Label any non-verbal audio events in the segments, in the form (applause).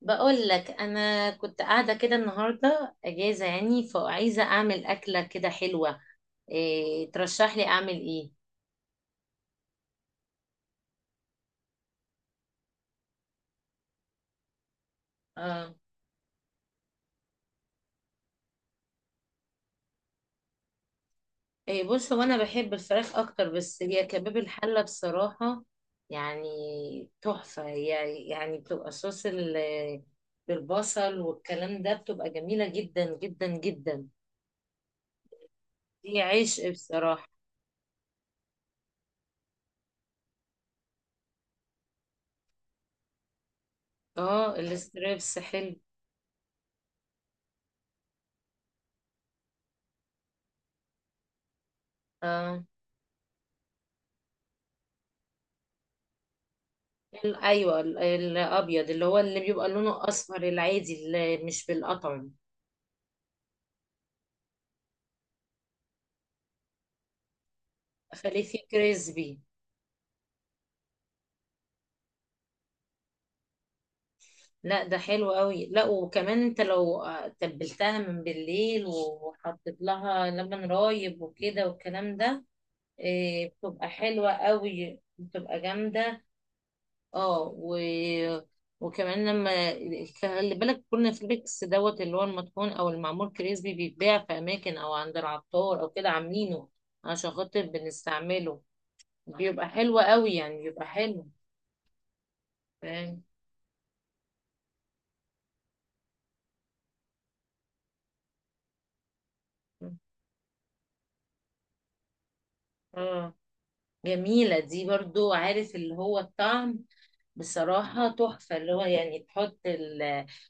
بقول لك انا كنت قاعده كده، النهارده اجازه، يعني فعايزه اعمل اكله كده حلوه. إيه ترشح لي اعمل ايه؟ اه. إيه، بص هو انا بحب الفراخ اكتر، بس هي كباب الحله بصراحه، يعني تحفه هي. يعني بتبقى صوص بالبصل والكلام ده بتبقى جميله جدا جدا جدا. دي عشق بصراحه. اه، الستريبس حلو. اه، ايوه الابيض، اللي هو اللي بيبقى لونه اصفر العادي اللي مش بالقطن. اخليه فيه كريسبي. لا، ده حلو قوي. لا، وكمان انت لو تبلتها من بالليل، وحطيت لها لبن رايب وكده والكلام ده. إيه، بتبقى حلوة قوي، بتبقى جامدة. اه. وكمان لما، خلي بالك كورنفليكس دوت، اللي هو المطحون او المعمول كريسبي، بيتباع في اماكن او عند العطار او كده عاملينه عشان خاطر بنستعمله. بيبقى حلوة قوي، يعني بيبقى حلو. فاهم. اه. جميلة دي برضو، عارف اللي هو الطعم بصراحة تحفة، اللي هو يعني تحط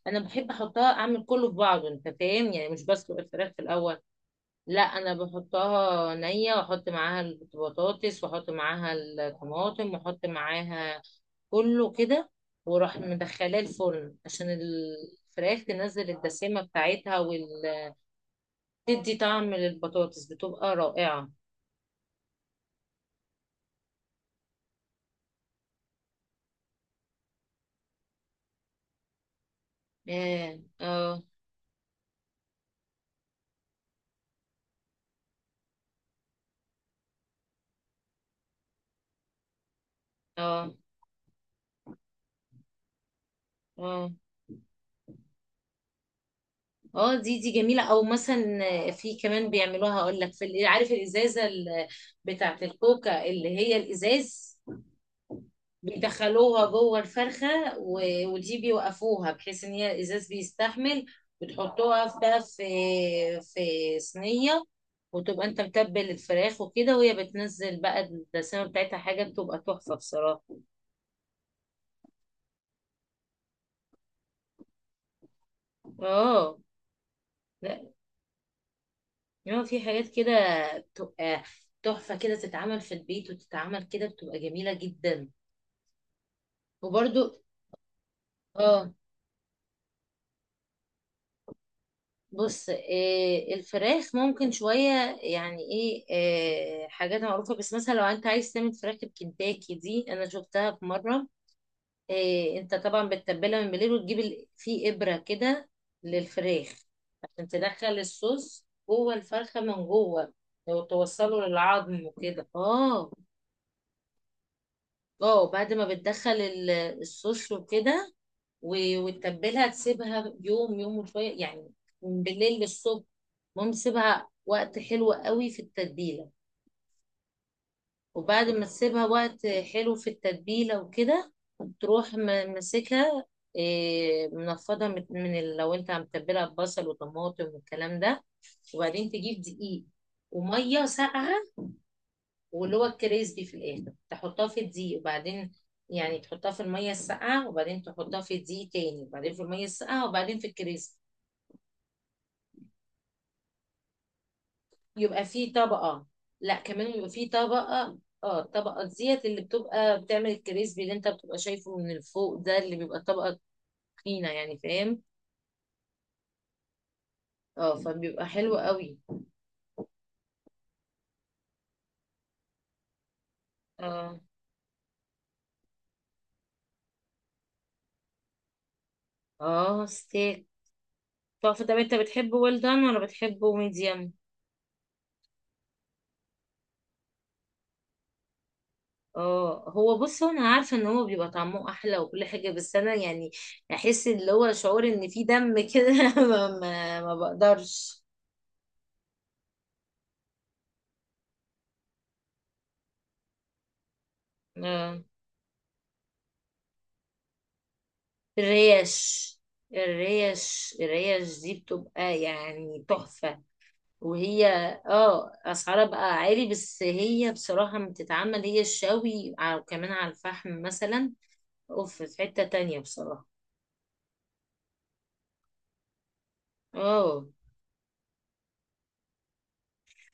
أنا بحب أحطها، أعمل كله في بعضه. أنت فاهم، يعني مش بسلق الفراخ في الأول. لا، أنا بحطها نية، وأحط معاها البطاطس، وأحط معاها الطماطم، وأحط معاها كله كده. وأروح مدخلاه الفرن عشان الفراخ تنزل الدسامة بتاعتها، وتدي وال تدي طعم للبطاطس، بتبقى رائعة. اه. اه. اه. اه. اه. دي جميلة، او مثلا في كمان بيعملوها. اقول لك في عارف الازازة بتاعة الكوكا، اللي هي الازاز، بيدخلوها جوه الفرخة. ودي بيوقفوها بحيث ان هي الازاز بيستحمل، بتحطوها بقى في صينية، وتبقى انت متبل الفراخ وكده، وهي بتنزل بقى الدسامة بتاعتها. حاجة بتبقى تحفة بصراحة. اه، يعني في حاجات كده بتبقى تحفة، كده تتعمل في البيت وتتعمل كده، بتبقى جميلة جدا. وبرضو. اه. بص، إيه، الفراخ ممكن شوية، يعني ايه، إيه، حاجات معروفة. بس مثلا لو انت عايز تعمل فراخ الكنتاكي، دي انا شفتها في مرة. إيه، انت طبعا بتتبلها من بالليل، وتجيب في ابرة كده للفراخ عشان تدخل الصوص جوه الفرخة من جوه، وتوصله للعظم وكده. اه. اه، بعد ما بتدخل الصوص وكده، وتتبلها، تسيبها يوم يوم وشوية، يعني من بالليل للصبح. المهم تسيبها وقت حلو قوي في التتبيلة. وبعد ما تسيبها وقت حلو في التتبيلة وكده، تروح م- ماسكها، إيه، منفضة من لو انت متبلها ببصل وطماطم والكلام ده. وبعدين تجيب دقيق، ومية ساقعة، واللي هو الكريسبي في الاخر. تحطها في الدقيق، وبعدين يعني تحطها في الميه الساقعه، وبعدين تحطها في الدقيق تاني، وبعدين في الميه الساقعه، وبعدين في الكريسبي. يبقى في طبقه. لا، كمان يبقى في طبقه. اه، الطبقه ديت اللي بتبقى بتعمل الكريسبي، اللي انت بتبقى شايفه من الفوق ده، اللي بيبقى طبقه تخينه، يعني فاهم. اه، فبيبقى حلو قوي. اه. اه، ستيك. طب طب انت بتحبه ويل دان، ولا بتحبه ميديم؟ اه، هو بص، هو انا عارفه ان هو بيبقى طعمه احلى وكل حاجه، بس انا يعني احس اللي هو شعور ان في دم كده (laughs) ما بقدرش. آه. الريش الريش دي بتبقى يعني تحفه. وهي. اه، اسعارها بقى عالي، بس هي بصراحه لما بتتعمل، هي الشوي، وكمان على الفحم مثلا، اوف، في حته تانية بصراحه. اه،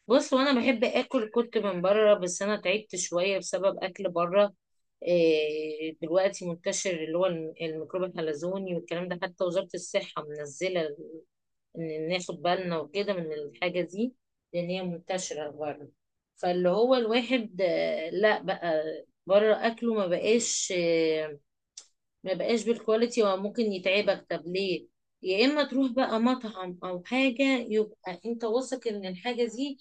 بص، وانا بحب اكل كنت من بره، بس انا تعبت شويه بسبب اكل بره. إيه، دلوقتي منتشر اللي هو الميكروب الحلزوني والكلام ده، حتى وزاره الصحه منزله ان ناخد بالنا وكده من الحاجه دي، لان هي منتشره بره. فاللي هو الواحد، لا بقى، بره اكله ما بقاش، ما بقاش بالكواليتي، وممكن يتعبك. طب ليه، يا اما تروح بقى مطعم او حاجه، يبقى انت واثق ان الحاجه دي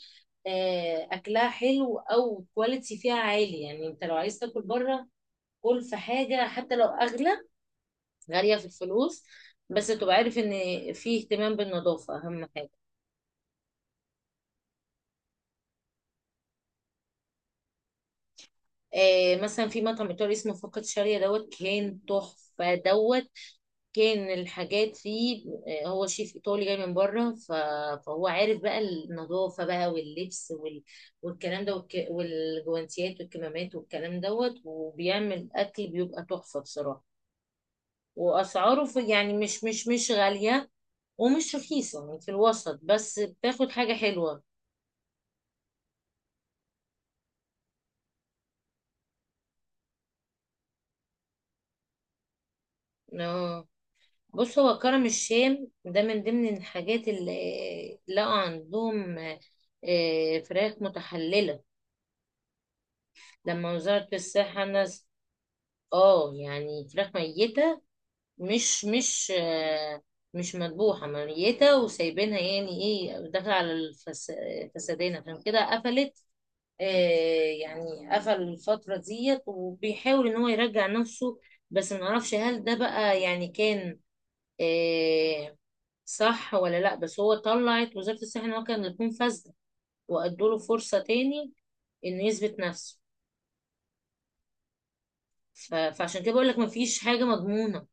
اكلها حلو، او كواليتي فيها عالي. يعني انت لو عايز تاكل بره، كل في حاجه حتى لو اغلى، غاليه في الفلوس، بس تبقى عارف ان في اهتمام بالنظافه، اهم حاجه. مثلا في مطعم ايطالي اسمه فقط شاريه دوت، كان تحفه دوت. كان الحاجات فيه، هو شيف ايطالي جاي من بره، فهو عارف بقى النظافه بقى، واللبس والكلام ده، والجوانتيات والكمامات والكلام دوت، وبيعمل اكل بيبقى تحفه بصراحه. واسعاره، في، يعني مش غاليه، ومش رخيصه، يعني في الوسط، بس بتاخد حاجه حلوه. آه. بص، هو كرم الشام ده من ضمن الحاجات اللي لقوا عندهم، فراخ متحلله. لما وزارة الصحة، اه، يعني فراخ ميتة، مش مش مذبوحة، ميتة وسايبينها. يعني ايه؟ داخلة على فسادين، عشان كده قفلت. آه. يعني قفل الفترة ديت، وبيحاول ان هو يرجع نفسه، بس ما نعرفش هل ده بقى، يعني كان آه، صح ولا لا. بس هو طلعت وزارة الصحة ان هو كان يكون فاسدة، وادوا له فرصة تاني انه يثبت نفسه. فعشان كده بقول لك مفيش حاجة مضمونة.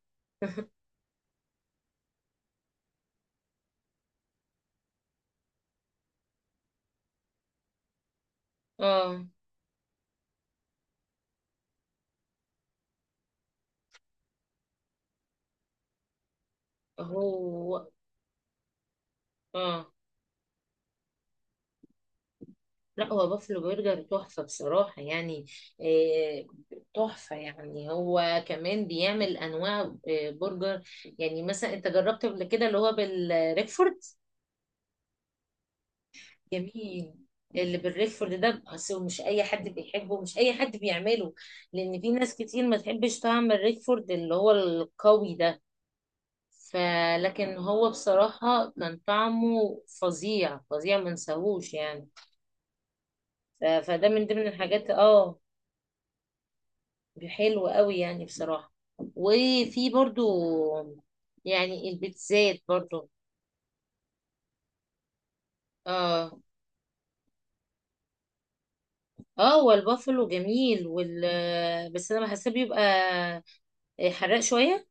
اه. هو. اه. لا، هو بافلو برجر تحفة بصراحة، يعني آه، تحفة. يعني هو كمان بيعمل أنواع برجر. يعني مثلا أنت جربت قبل كده اللي هو بالريكفورد. جميل. اللي بالريكفورد ده أصل مش أي حد بيحبه، مش أي حد بيعمله، لأن في ناس كتير ما تحبش طعم الريكفورد اللي هو القوي ده. فلكن هو بصراحة كان طعمه فظيع فظيع، ما نساهوش يعني. فده من ضمن الحاجات. اه، حلو قوي يعني بصراحة. وفي برضو، يعني البيتزات برضو. اه. اه، هو البافلو جميل بس انا بحسه بيبقى حراق شوية.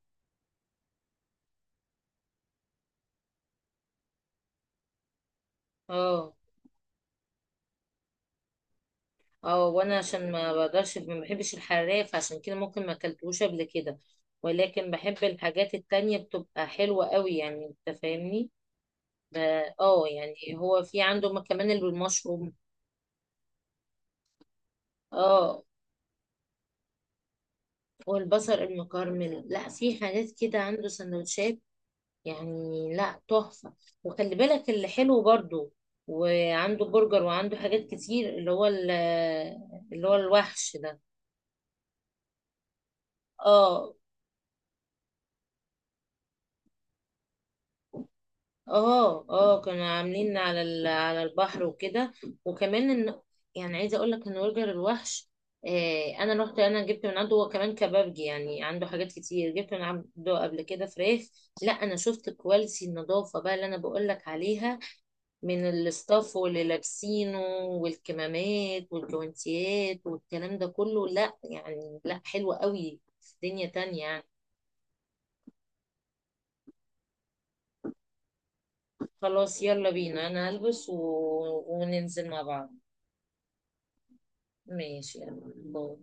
اه. اه، وانا عشان ما بقدرش، ما بحبش الحراق، فعشان كده ممكن ما اكلتوش قبل كده. ولكن بحب الحاجات التانية بتبقى حلوة قوي. يعني انت فاهمني. ب- اه، يعني هو في عنده كمان المشروم. اه، والبصل المكرمل، لا، في حاجات كده عنده سندوتشات، يعني لا، تحفة. وخلي بالك اللي حلو برضو، وعنده برجر، وعنده حاجات كتير، اللي هو اللي هو الوحش ده. اه. اه. اه، كانوا عاملين على على البحر وكده. وكمان ان، يعني عايزه اقول لك ان برجر الوحش، آه، انا رحت، انا جبت من عنده. هو كمان كبابجي، يعني عنده حاجات كتير. جبت من عنده قبل كده فراخ، لا، انا شفت كواليتي النظافه بقى، اللي انا بقول لك عليها، من الاستاف واللي لابسينه، والكمامات والجوانتيات والكلام ده كله. لا، يعني لا، حلو قوي، في دنيا تانية يعني. خلاص، يلا بينا، انا هلبس وننزل مع بعض. ماشي، يلا، باي.